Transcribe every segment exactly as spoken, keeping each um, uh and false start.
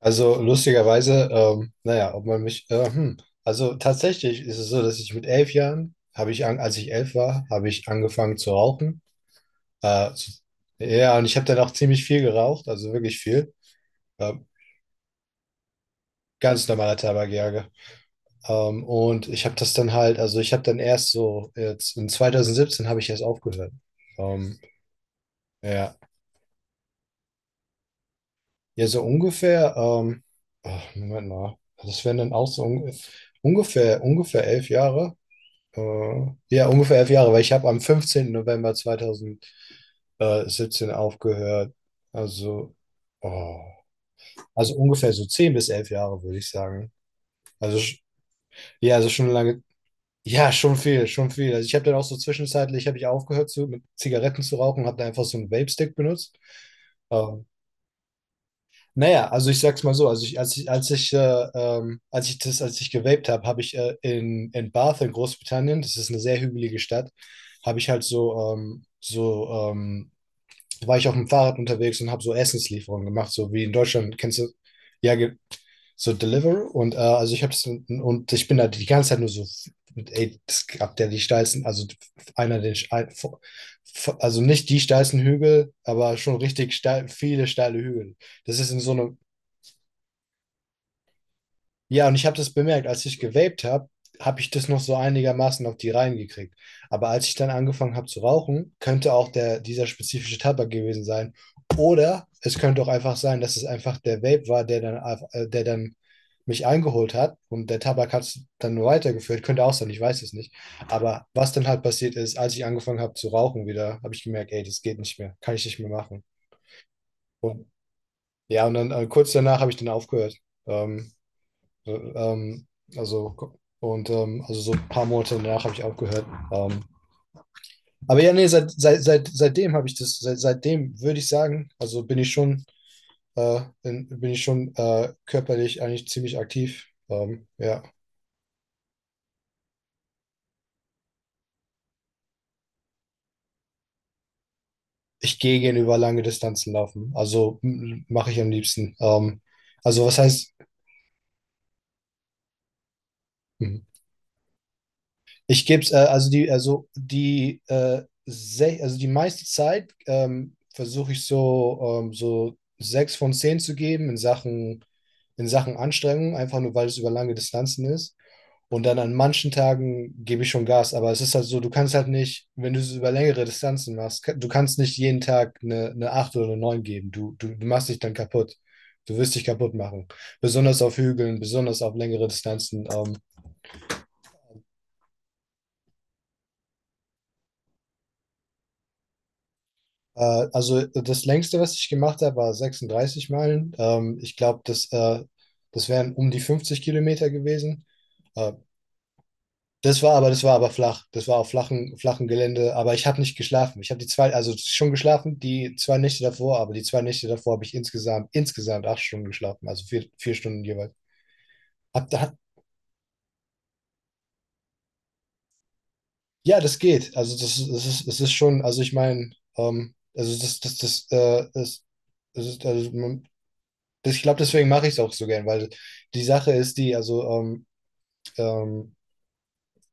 Also lustigerweise, ähm, naja, ob man mich, äh, hm. Also tatsächlich ist es so, dass ich mit elf Jahren, habe ich an, als ich elf war, habe ich angefangen zu rauchen. Äh, zu, ja, und ich habe dann auch ziemlich viel geraucht, also wirklich viel. Äh, ganz normaler Tabakjäger. Ähm, und ich habe das dann halt, also ich habe dann erst so, jetzt in zweitausendsiebzehn habe ich erst aufgehört. Ähm, ja, ja, so ungefähr, ähm, ach, Moment mal, das wären dann auch so unge- ungefähr ungefähr elf Jahre. Äh, ja, ungefähr elf Jahre, weil ich habe am fünfzehnten November zweitausendsiebzehn aufgehört. Also, oh, also ungefähr so zehn bis elf Jahre, würde ich sagen. Also, sch- ja, also schon lange, ja, schon viel, schon viel. Also ich habe dann auch so zwischenzeitlich, habe ich aufgehört zu, mit Zigaretten zu rauchen, habe dann einfach so einen Vape-Stick benutzt. Ähm, Naja, also ich sag's mal so, also ich, als ich, als ich, äh, ähm, als ich das, als ich gewaped habe, habe ich äh, in, in Bath in Großbritannien, das ist eine sehr hügelige Stadt, habe ich halt so, ähm, so, ähm, war ich auf dem Fahrrad unterwegs und habe so Essenslieferungen gemacht, so wie in Deutschland, kennst du, ja, ge- so Deliveroo und äh, also ich habe das und ich bin da die ganze Zeit nur so, ey, das gab der die steilsten, also einer der, ein- vor- vor- also nicht die steilsten Hügel, aber schon richtig steil, viele steile Hügel. Das ist in so einem. Ja, und ich habe das bemerkt, als ich gewaped habe, habe ich das noch so einigermaßen auf die Reihen gekriegt. Aber als ich dann angefangen habe zu rauchen, könnte auch der, dieser spezifische Tabak gewesen sein. Oder es könnte auch einfach sein, dass es einfach der Vape war, der dann, auf- äh, der dann mich eingeholt hat und der Tabak hat es dann nur weitergeführt. Könnte auch sein, ich weiß es nicht. Aber was dann halt passiert ist, als ich angefangen habe zu rauchen wieder, habe ich gemerkt, ey, das geht nicht mehr, kann ich nicht mehr machen. Und ja, und dann äh, kurz danach habe ich dann aufgehört. Ähm, äh, Ähm, also, und ähm, also so ein paar Monate danach habe ich aufgehört. Ähm, aber ja, nee, seit, seit, seit, seitdem habe ich das, seit, seitdem würde ich sagen, also bin ich schon, äh, in, bin ich schon äh, körperlich eigentlich ziemlich aktiv. Ähm, ja. Ich gehe gerne über lange Distanzen laufen. Also m- mache ich am liebsten. Ähm, also was heißt, hm, Ich gebe es, äh, also die, also die, äh, sech, also die meiste Zeit ähm, versuche ich so, ähm, so sechs von zehn zu geben in Sachen, in Sachen Anstrengung, einfach nur weil es über lange Distanzen ist. Und dann an manchen Tagen gebe ich schon Gas, aber es ist halt so, du kannst halt nicht, wenn du es über längere Distanzen machst, ka- du kannst nicht jeden Tag eine, eine acht oder eine neun geben. Du, du, du machst dich dann kaputt. Du wirst dich kaputt machen. Besonders auf Hügeln, besonders auf längere Distanzen. Ähm, Äh, also äh, das längste, was ich gemacht habe, war sechsunddreißig Meilen. Ähm, ich glaube, das, äh, das wären um die fünfzig Kilometer gewesen. Äh, das war aber, das war aber flach. Das war auf flachen, flachen Gelände. Aber ich habe nicht geschlafen. Ich habe die zwei, also schon geschlafen, die zwei Nächte davor, aber die zwei Nächte davor habe ich insgesamt, insgesamt acht Stunden geschlafen, also vier, vier Stunden jeweils. Hab, hab, ja, das geht. Also das, ist- das ist, das ist schon, also ich meine, ähm, also das, das, das, äh, das, das ist, also man, das, ich glaube, deswegen mache ich es auch so gern, weil die Sache ist die, also ähm, ähm,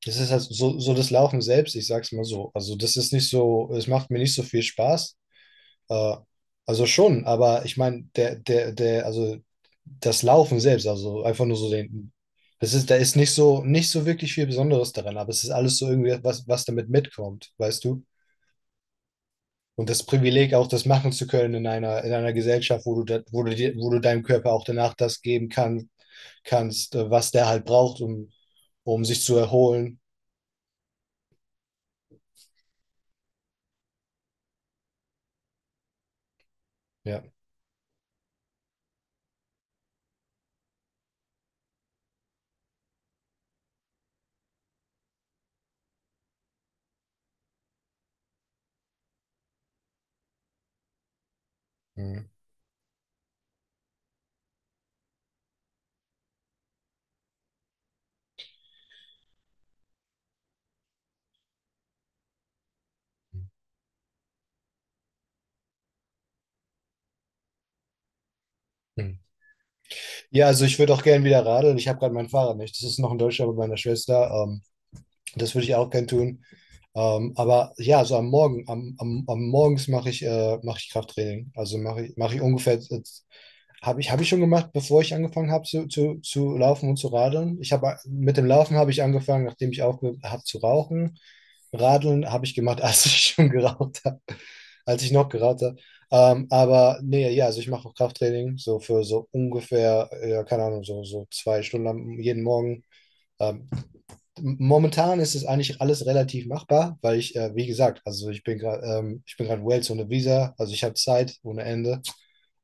das ist halt so, so das Laufen selbst, ich sag's mal so. Also das ist nicht so, es macht mir nicht so viel Spaß. Äh, also schon, aber ich meine, der, der, der, also das Laufen selbst, also einfach nur so den, das ist, da ist nicht so, nicht so wirklich viel Besonderes daran, aber es ist alles so irgendwie was, was damit mitkommt, weißt du? Und das Privileg auch das machen zu können in einer, in einer Gesellschaft, wo du, da, wo, du dir, wo du deinem Körper auch danach das geben kann, kannst, äh, was der halt braucht, um, um sich zu erholen. Ja. Mhm. Mhm. Ja, also ich würde auch gerne wieder radeln. Ich habe gerade mein Fahrrad nicht. Das ist noch in Deutschland bei meiner Schwester. Ähm, das würde ich auch gerne tun. Ähm, aber ja, so am Morgen, am, am, am Morgens mache ich, äh, mach ich Krafttraining. Also mache ich, mach ich ungefähr äh, habe ich, hab ich schon gemacht, bevor ich angefangen habe zu, zu, zu laufen und zu radeln. Ich habe mit dem Laufen habe ich angefangen, nachdem ich aufgehört habe zu rauchen. Radeln habe ich gemacht, als ich schon geraucht habe, als ich noch geraucht habe. Ähm, aber nee, ja, also ich mache auch Krafttraining, so für so ungefähr, ja, keine Ahnung, so, so zwei Stunden am- jeden Morgen. Ähm, momentan ist es eigentlich alles relativ machbar, weil ich, äh, wie gesagt, also ich bin gerade ähm, ich bin gerade Wales ohne Visa, also ich habe Zeit ohne Ende.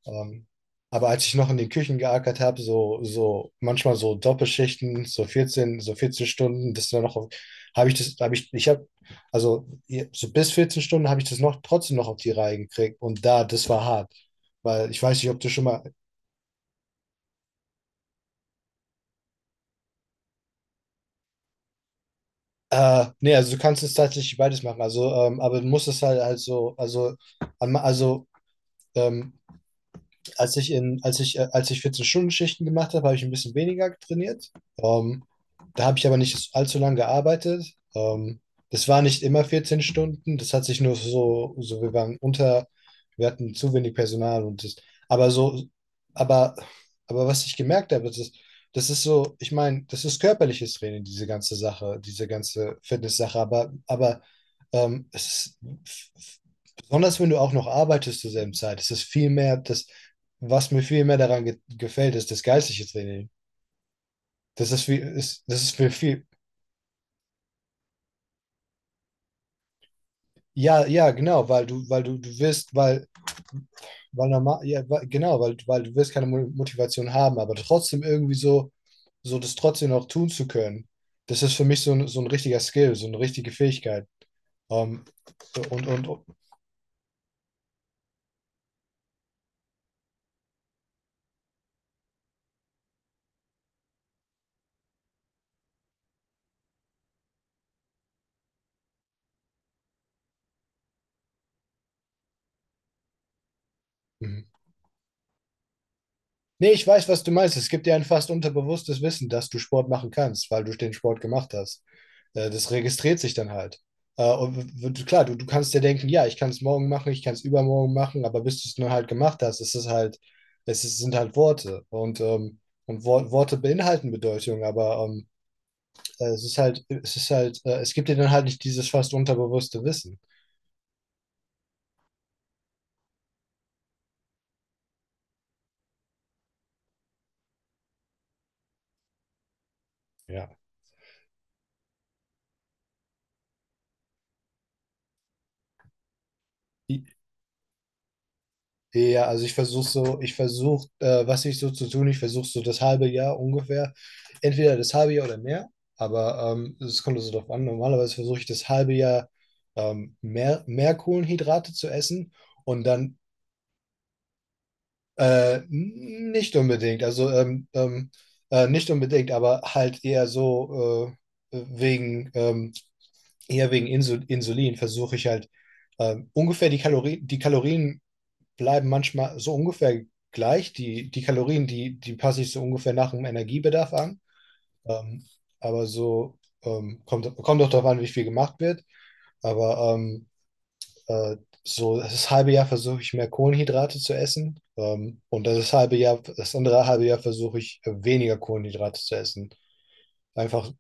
Ähm, aber als ich noch in den Küchen geackert habe, so, so manchmal so Doppelschichten, so vierzehn, so vierzehn Stunden, das dann noch, habe ich das, habe ich, ich habe, also je- so bis vierzehn Stunden habe ich das noch trotzdem noch auf die Reihe gekriegt. Und da, das war hart. Weil ich weiß nicht, ob du schon mal, äh, nee, also du kannst es tatsächlich beides machen. Also, ähm, aber du musst es halt, halt so, also, am- also, ähm, als ich in, als ich, äh, als ich vierzehn-Stunden-Schichten gemacht habe, habe ich ein bisschen weniger trainiert. Ähm, da habe ich aber nicht allzu lange gearbeitet. Ähm, das war nicht immer vierzehn Stunden. Das hat sich nur so, so wir waren unter, wir hatten zu wenig Personal und das, aber so, aber, aber was ich gemerkt habe, das ist, das ist so, ich meine, das ist körperliches Training, diese ganze Sache, diese ganze Fitness-Sache, aber, aber ähm, es ist, besonders wenn du auch noch arbeitest zur selben Zeit, es ist viel mehr, das, was mir viel mehr daran ge gefällt, ist das geistliche Training. Das ist wie, ist, das ist mir viel. Ja, ja, genau, weil du, weil du, du wirst, weil, weil normal, ja, weil, genau, weil, weil du wirst keine Mo- Motivation haben, aber trotzdem irgendwie so, so das trotzdem noch tun zu können. Das ist für mich so ein, so ein richtiger Skill, so eine richtige Fähigkeit. Ähm, und, und, und, mhm. Nee, ich weiß, was du meinst. Es gibt dir ein fast unterbewusstes Wissen, dass du Sport machen kannst, weil du den Sport gemacht hast. Äh, das registriert sich dann halt. Äh, und w- klar, du, du kannst dir denken, ja, ich kann es morgen machen, ich kann es übermorgen machen, aber bis du es nur halt gemacht hast, ist es halt, es ist, sind halt Worte. Und, ähm, und Wor Worte beinhalten Bedeutung, aber ähm, äh, es ist halt, es ist halt, äh, es gibt dir dann halt nicht dieses fast unterbewusste Wissen. Ja. Ja, also ich versuche so, ich versuche, äh, was ich so zu tun, ich versuche so das halbe Jahr ungefähr, entweder das halbe Jahr oder mehr, aber ähm, es kommt also darauf an. Normalerweise versuche ich das halbe Jahr ähm, mehr, mehr Kohlenhydrate zu essen und dann äh, nicht unbedingt, also ähm, ähm, äh, nicht unbedingt, aber halt eher so äh, wegen, ähm, eher wegen Insul Insulin versuche ich halt ähm, ungefähr die Kalorien, die Kalorien bleiben manchmal so ungefähr gleich. Die, die Kalorien, die, die passe ich so ungefähr nach dem Energiebedarf an. Ähm, aber so ähm, kommt, kommt auch darauf an, wie viel gemacht wird. Aber ähm, äh, so das halbe Jahr versuche ich mehr Kohlenhydrate zu essen. Ähm, und das halbe Jahr, das andere halbe Jahr versuche ich äh, weniger Kohlenhydrate zu essen. Einfach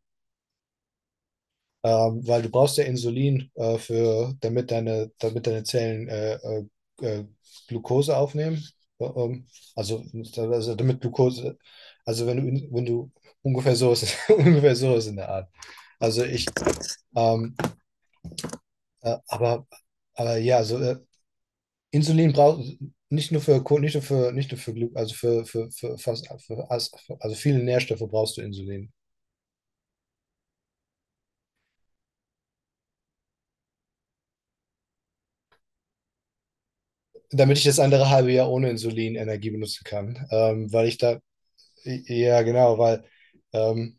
ähm, weil du brauchst ja Insulin, äh, für, damit deine, damit deine Zellen äh, äh, äh, Glucose aufnehmen. Äh, Ähm, Also, also damit Glucose, also wenn du, in- wenn du ungefähr so ist, ungefähr so ist in der Art. Also ich, ähm, äh, aber, aber ja, also äh, Insulin braucht nicht nur für Ko- nicht nur für nicht nur für Glu also für, für, für fast für, also viele Nährstoffe brauchst du Insulin. Damit ich das andere halbe Jahr ohne Insulin Energie benutzen kann, ähm, weil ich da. Ja, genau, weil ähm,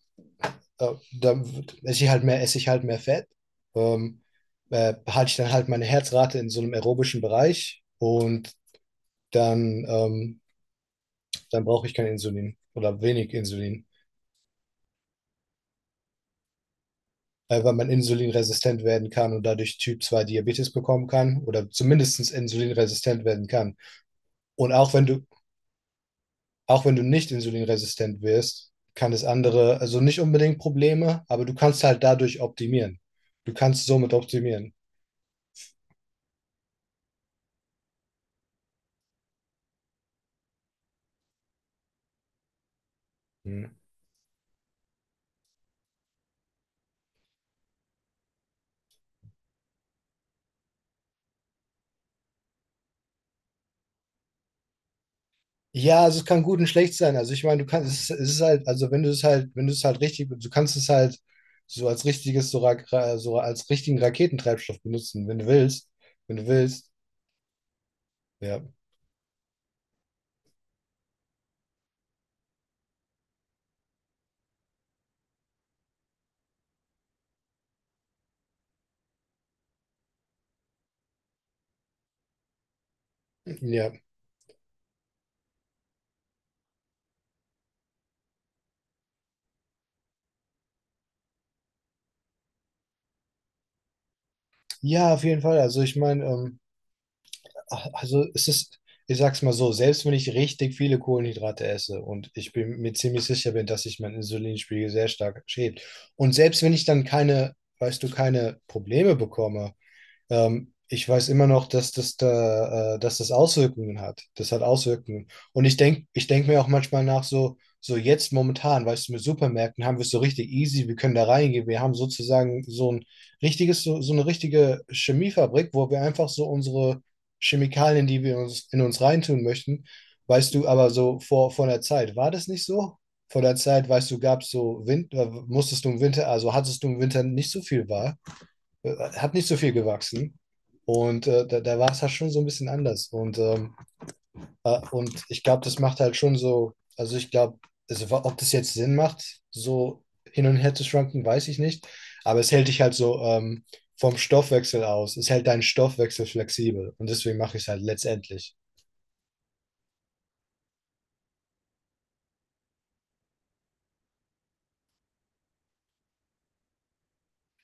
äh, da esse ich halt mehr, esse ich halt mehr Fett, ähm, äh, halte ich dann halt meine Herzrate in so einem aerobischen Bereich und dann, ähm, dann brauche ich kein Insulin oder wenig Insulin, äh, weil man insulinresistent werden kann und dadurch Typ zwei Diabetes bekommen kann oder zumindest insulinresistent werden kann. Und auch wenn du, auch wenn du nicht insulinresistent wirst, kann es andere, also nicht unbedingt Probleme, aber du kannst halt dadurch optimieren. Du kannst somit optimieren. Hm. Ja, also es kann gut und schlecht sein. Also ich meine, du kannst, es ist es ist halt, also wenn du es halt, wenn du es halt richtig, du kannst es halt so als richtiges, so, Ra- Ra- so als richtigen Raketentreibstoff benutzen, wenn du willst. Wenn du willst. Ja. Ja. Ja, auf jeden Fall. Also ich meine, ähm, ach, also es ist, ich sag's mal so, selbst wenn ich richtig viele Kohlenhydrate esse und ich bin mir ziemlich sicher bin, dass sich mein Insulinspiegel sehr stark schäbt. Und selbst wenn ich dann keine, weißt du, keine Probleme bekomme, Ähm, ich weiß immer noch, dass das da, äh, dass das Auswirkungen hat. Das hat Auswirkungen. Und ich denke, ich denk mir auch manchmal nach, so, so jetzt momentan, weißt du, mit Supermärkten haben wir es so richtig easy, wir können da reingehen. Wir haben sozusagen so ein richtiges, so, so eine richtige Chemiefabrik, wo wir einfach so unsere Chemikalien, die wir uns in uns reintun möchten, weißt du, aber so vor, vor der Zeit, war das nicht so? Vor der Zeit, weißt du, gab es so Wind, äh, musstest du im Winter, also hattest du im Winter nicht so viel Wahl? äh, hat nicht so viel gewachsen. Und äh, da, da war es halt schon so ein bisschen anders. Und, ähm, äh, und ich glaube, das macht halt schon so, also ich glaube, also, ob das jetzt Sinn macht, so hin und her zu schwanken, weiß ich nicht. Aber es hält dich halt so ähm, vom Stoffwechsel aus. Es hält deinen Stoffwechsel flexibel. Und deswegen mache ich es halt letztendlich.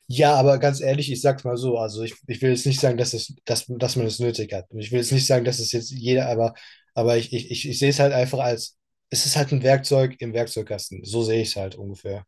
Ja, aber ganz ehrlich, ich sag's mal so, also ich, ich will jetzt nicht sagen, dass es, dass, dass man es nötig hat. Und ich will jetzt nicht sagen, dass es jetzt jeder, aber, aber ich, ich, ich, ich sehe es halt einfach als, es ist halt ein Werkzeug im Werkzeugkasten. So sehe ich es halt ungefähr.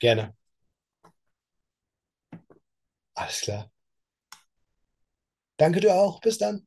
Gerne. Alles klar. Danke dir auch. Bis dann.